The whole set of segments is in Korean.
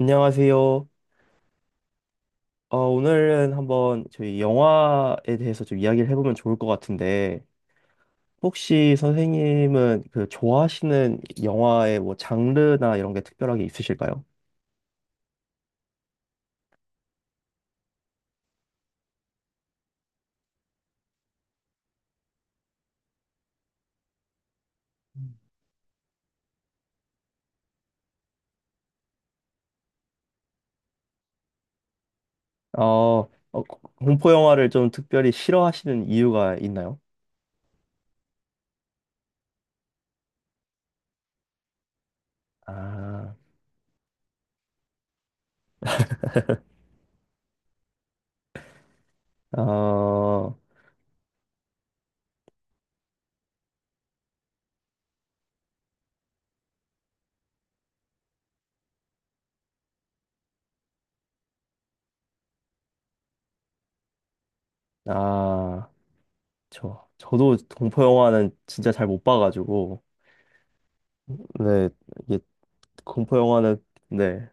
안녕하세요. 오늘은 한번 저희 영화에 대해서 좀 이야기를 해보면 좋을 것 같은데, 혹시 선생님은 그 좋아하시는 영화의 뭐 장르나 이런 게 특별하게 있으실까요? 어, 어, 공포 영화를 좀 특별히 싫어하시는 이유가 있나요? 아, 어, 아, 저도 공포 영화는 진짜 잘 못 봐가지고, 네, 이게 공포 영화는, 네.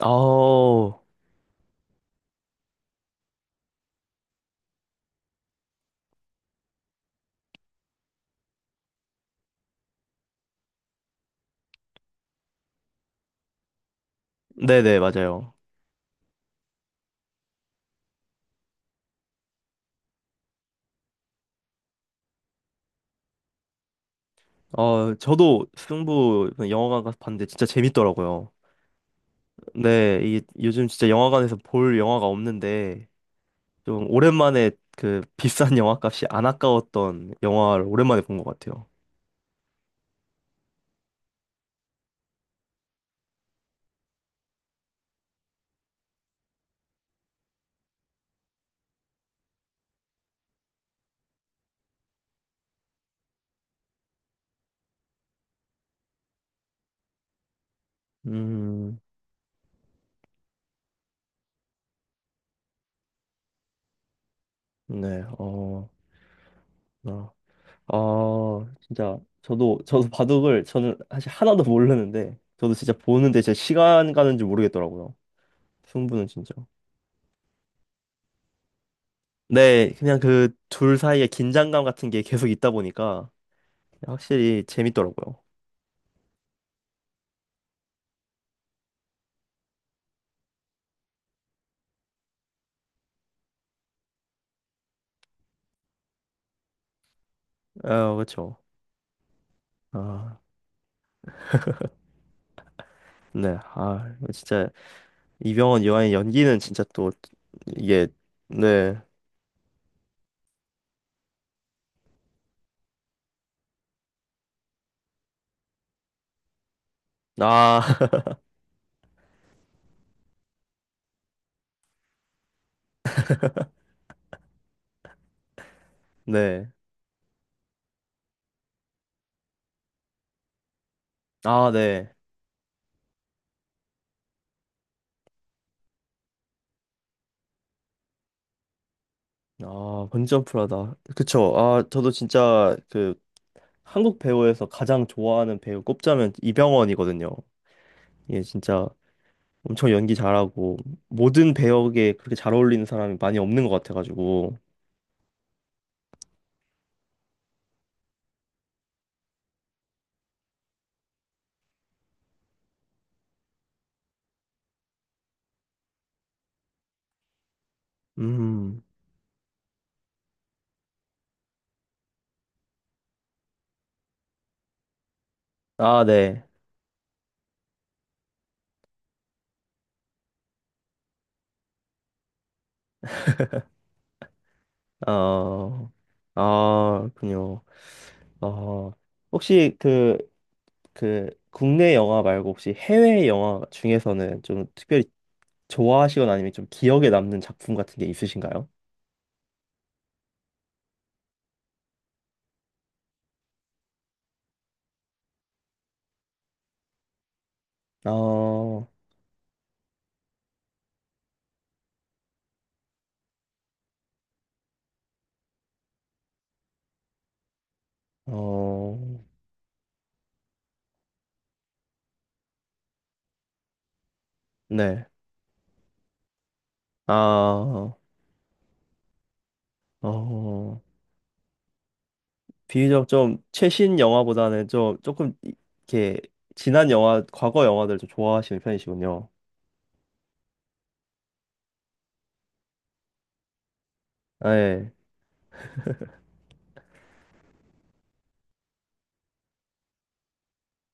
아우, 네네, 맞아요. 저도 승부 영화관 가서 봤는데 진짜 재밌더라고요. 네, 이 요즘 진짜 영화관에서 볼 영화가 없는데 좀 오랜만에 그 비싼 영화값이 안 아까웠던 영화를 오랜만에 본 것 같아요. 음, 네, 어, 진짜 저도 바둑을 저는 사실 하나도 모르는데 저도 진짜 보는데 진짜 시간 가는 줄 모르겠더라고요. 승부는 진짜. 네, 그냥 그 둘 사이의 긴장감 같은 게 계속 있다 보니까 확실히 재밌더라고요. 아, 그렇죠. 아, 네. 아, 이거 진짜. 이병헌 이완의 연기는 진짜 또 이게, 네. 아, 네. 아, 네. 아, 번지점프라다. 그쵸. 아, 저도 진짜 그 한국 배우에서 가장 좋아하는 배우 꼽자면 이병헌이거든요. 예, 진짜 엄청 연기 잘하고 모든 배역에 그렇게 잘 어울리는 사람이 많이 없는 것 같아가지고. 음. 아, 네. 어. 아, 그요. 어. 혹시 그 국내 영화 말고 혹시 해외 영화 중에서는 좀 특별히 좋아하시거나 아니면 좀 기억에 남는 작품 같은 게 있으신가요? 어, 어, 네. 아, 어, 비교적 좀 최신 영화보다는 좀 조금 이렇게 지난 영화, 과거 영화들 좀 좋아하시는 편이시군요. 네,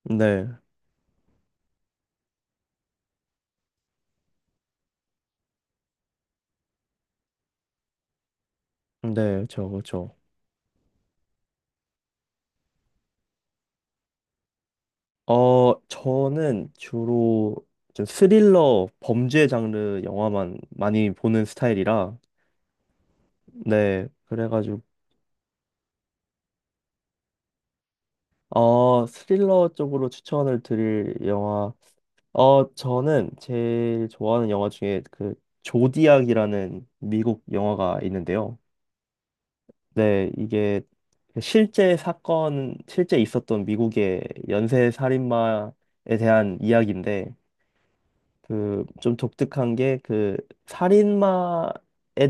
네, 네, 저, 그렇죠. 저는 주로 좀 스릴러 범죄 장르 영화만 많이 보는 스타일이라 네, 그래가지고 스릴러 쪽으로 추천을 드릴 영화 저는 제일 좋아하는 영화 중에 그 조디악이라는 미국 영화가 있는데요. 네, 이게 그 실제 사건 실제 있었던 미국의 연쇄 살인마에 대한 이야기인데 그 좀 독특한 게 그 살인마에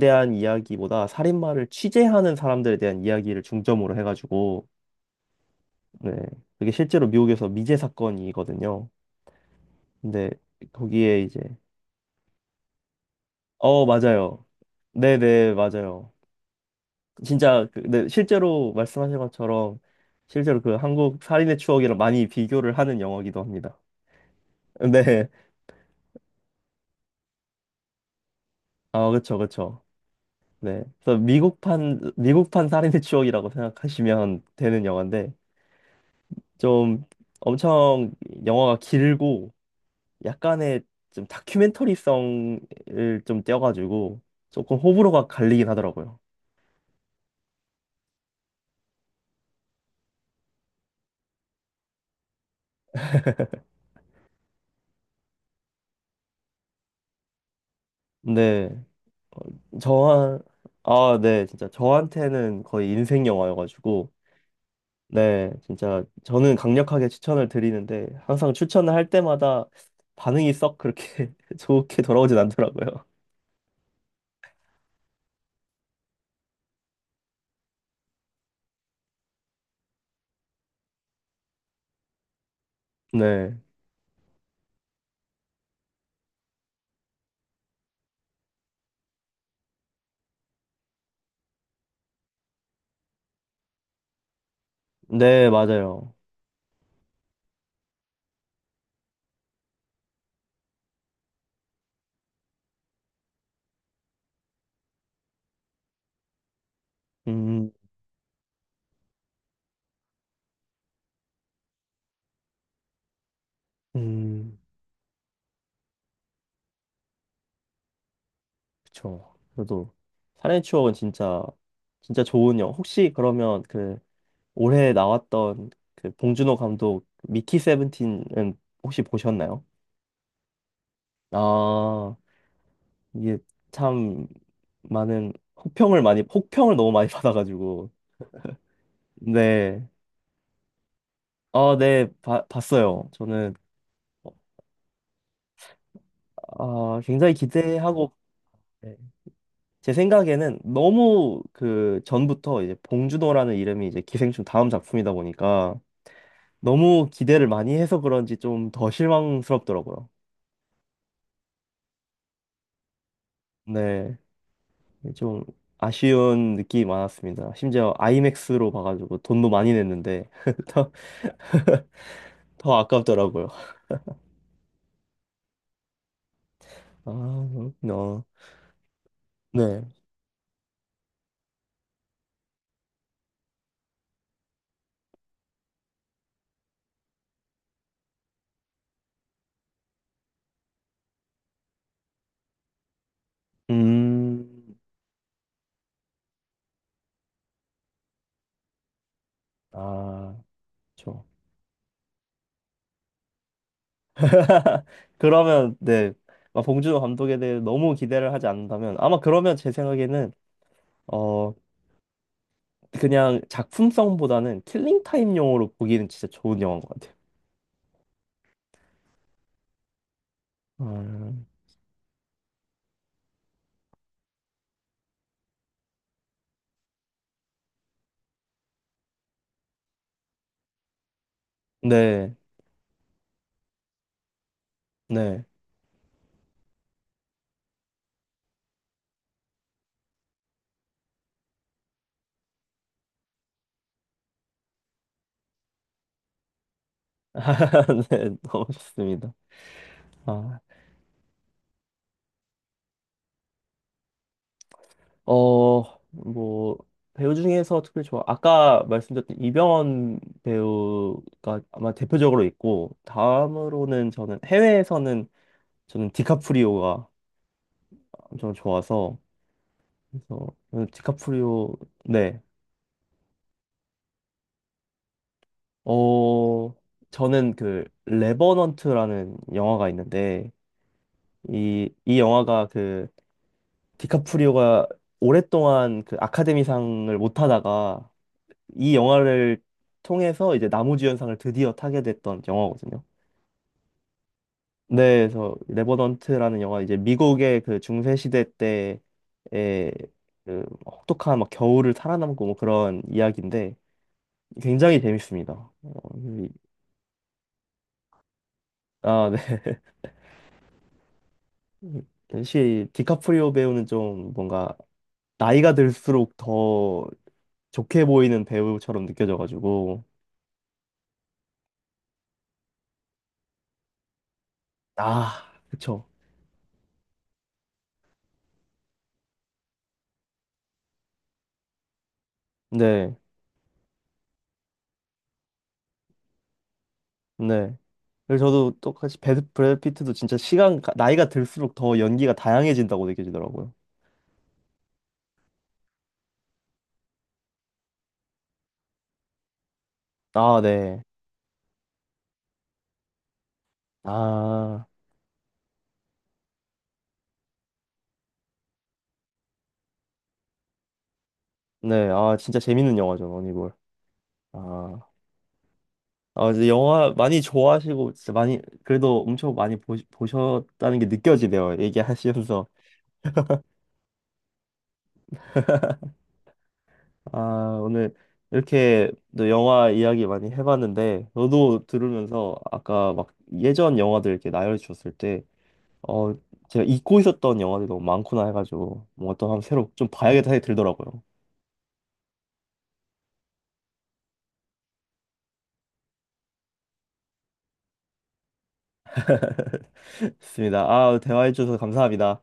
대한 이야기보다 살인마를 취재하는 사람들에 대한 이야기를 중점으로 해가지고 네. 그게 실제로 미국에서 미제 사건이거든요. 근데 거기에 이제 어, 맞아요. 네네, 맞아요. 진짜 그, 네, 실제로 말씀하신 것처럼 실제로 그 한국 살인의 추억이랑 많이 비교를 하는 영화이기도 합니다. 네. 아, 그쵸, 그쵸. 네. 그래서 미국판 살인의 추억이라고 생각하시면 되는 영화인데 좀 엄청 영화가 길고 약간의 좀 다큐멘터리성을 좀 떼어가지고 조금 호불호가 갈리긴 하더라고요. 근데 어, 저한 아, 네, 진짜 저한테는 거의 인생 영화여가지고 네, 진짜 저는 강력하게 추천을 드리는데 항상 추천을 할 때마다 반응이 썩 그렇게 좋게 돌아오진 않더라고요. 네, 네, 맞아요. 음, 음, 그쵸. 그래도 살인의 추억은 진짜 진짜 좋은 영화. 혹시 그러면 그 올해 나왔던 그 봉준호 감독 미키 세븐틴은 혹시 보셨나요? 아, 이게 참 많은 혹평을 많이 혹평을 너무 많이 받아가지고 네. 아, 네. 봤어요. 저는 아, 굉장히 기대하고 네. 제 생각에는 너무 그 전부터 이제 봉준호라는 이름이 이제 기생충 다음 작품이다 보니까 너무 기대를 많이 해서 그런지 좀 더 실망스럽더라고요. 네. 네, 좀 아쉬운 느낌이 많았습니다. 심지어 아이맥스로 봐가지고 돈도 많이 냈는데 더, 더 아깝더라고요. 아, 그렇구나. 네. 음, 아, 그렇죠. 그러면 네, 막 봉준호 감독에 대해 너무 기대를 하지 않는다면 아마 그러면 제 생각에는 어 그냥 작품성보다는 킬링 타임용으로 보기는 진짜 좋은 영화인 것 같아요. 음, 네, 네, 네, 너무 좋습니다. 아. 어, 뭐, 배우 중에서 특별히 좋아. 아까 말씀드렸던 이병헌 배우가 아마 대표적으로 있고, 다음으로는 저는 해외에서는 저는 디카프리오가 엄청 좋아서, 그래서 저는 디카프리오, 네. 어, 저는 그, 레버넌트라는 영화가 있는데, 이 영화가 그, 디카프리오가 오랫동안 그 아카데미상을 못 하다가, 이 영화를 통해서 이제 나무주연상을 드디어 타게 됐던 영화거든요. 네, 그래서 레버넌트라는 영화 이제 미국의 그 중세 시대 때의 그 혹독한 막 겨울을 살아남고 뭐 그런 이야기인데 굉장히 재밌습니다. 아, 네. 역시 디카프리오 배우는 좀 뭔가 나이가 들수록 더 좋게 보이는 배우처럼 느껴져가지고 아, 그쵸. 네. 네. 그래서 저도 똑같이 브래드 피트도 진짜 나이가 들수록 더 연기가 다양해진다고 느껴지더라고요. 아, 네. 아, 네. 아, 진짜 재밌는 영화죠, 러니볼. 아, 아, 이제 영화 많이 좋아하시고, 진짜 많이, 그래도 엄청 많이 보셨다는 게 느껴지네요. 얘기하시면서. 아, 오늘 이렇게 또 영화 이야기 많이 해봤는데, 저도 들으면서 아까 막 예전 영화들 이렇게 나열해 주셨을 때, 어, 제가 잊고 있었던 영화들이 너무 많구나 해가지고 뭔가 또 한번 새로 좀 봐야겠다 생각이 들더라고요. 좋습니다. 아, 대화해주셔서 감사합니다.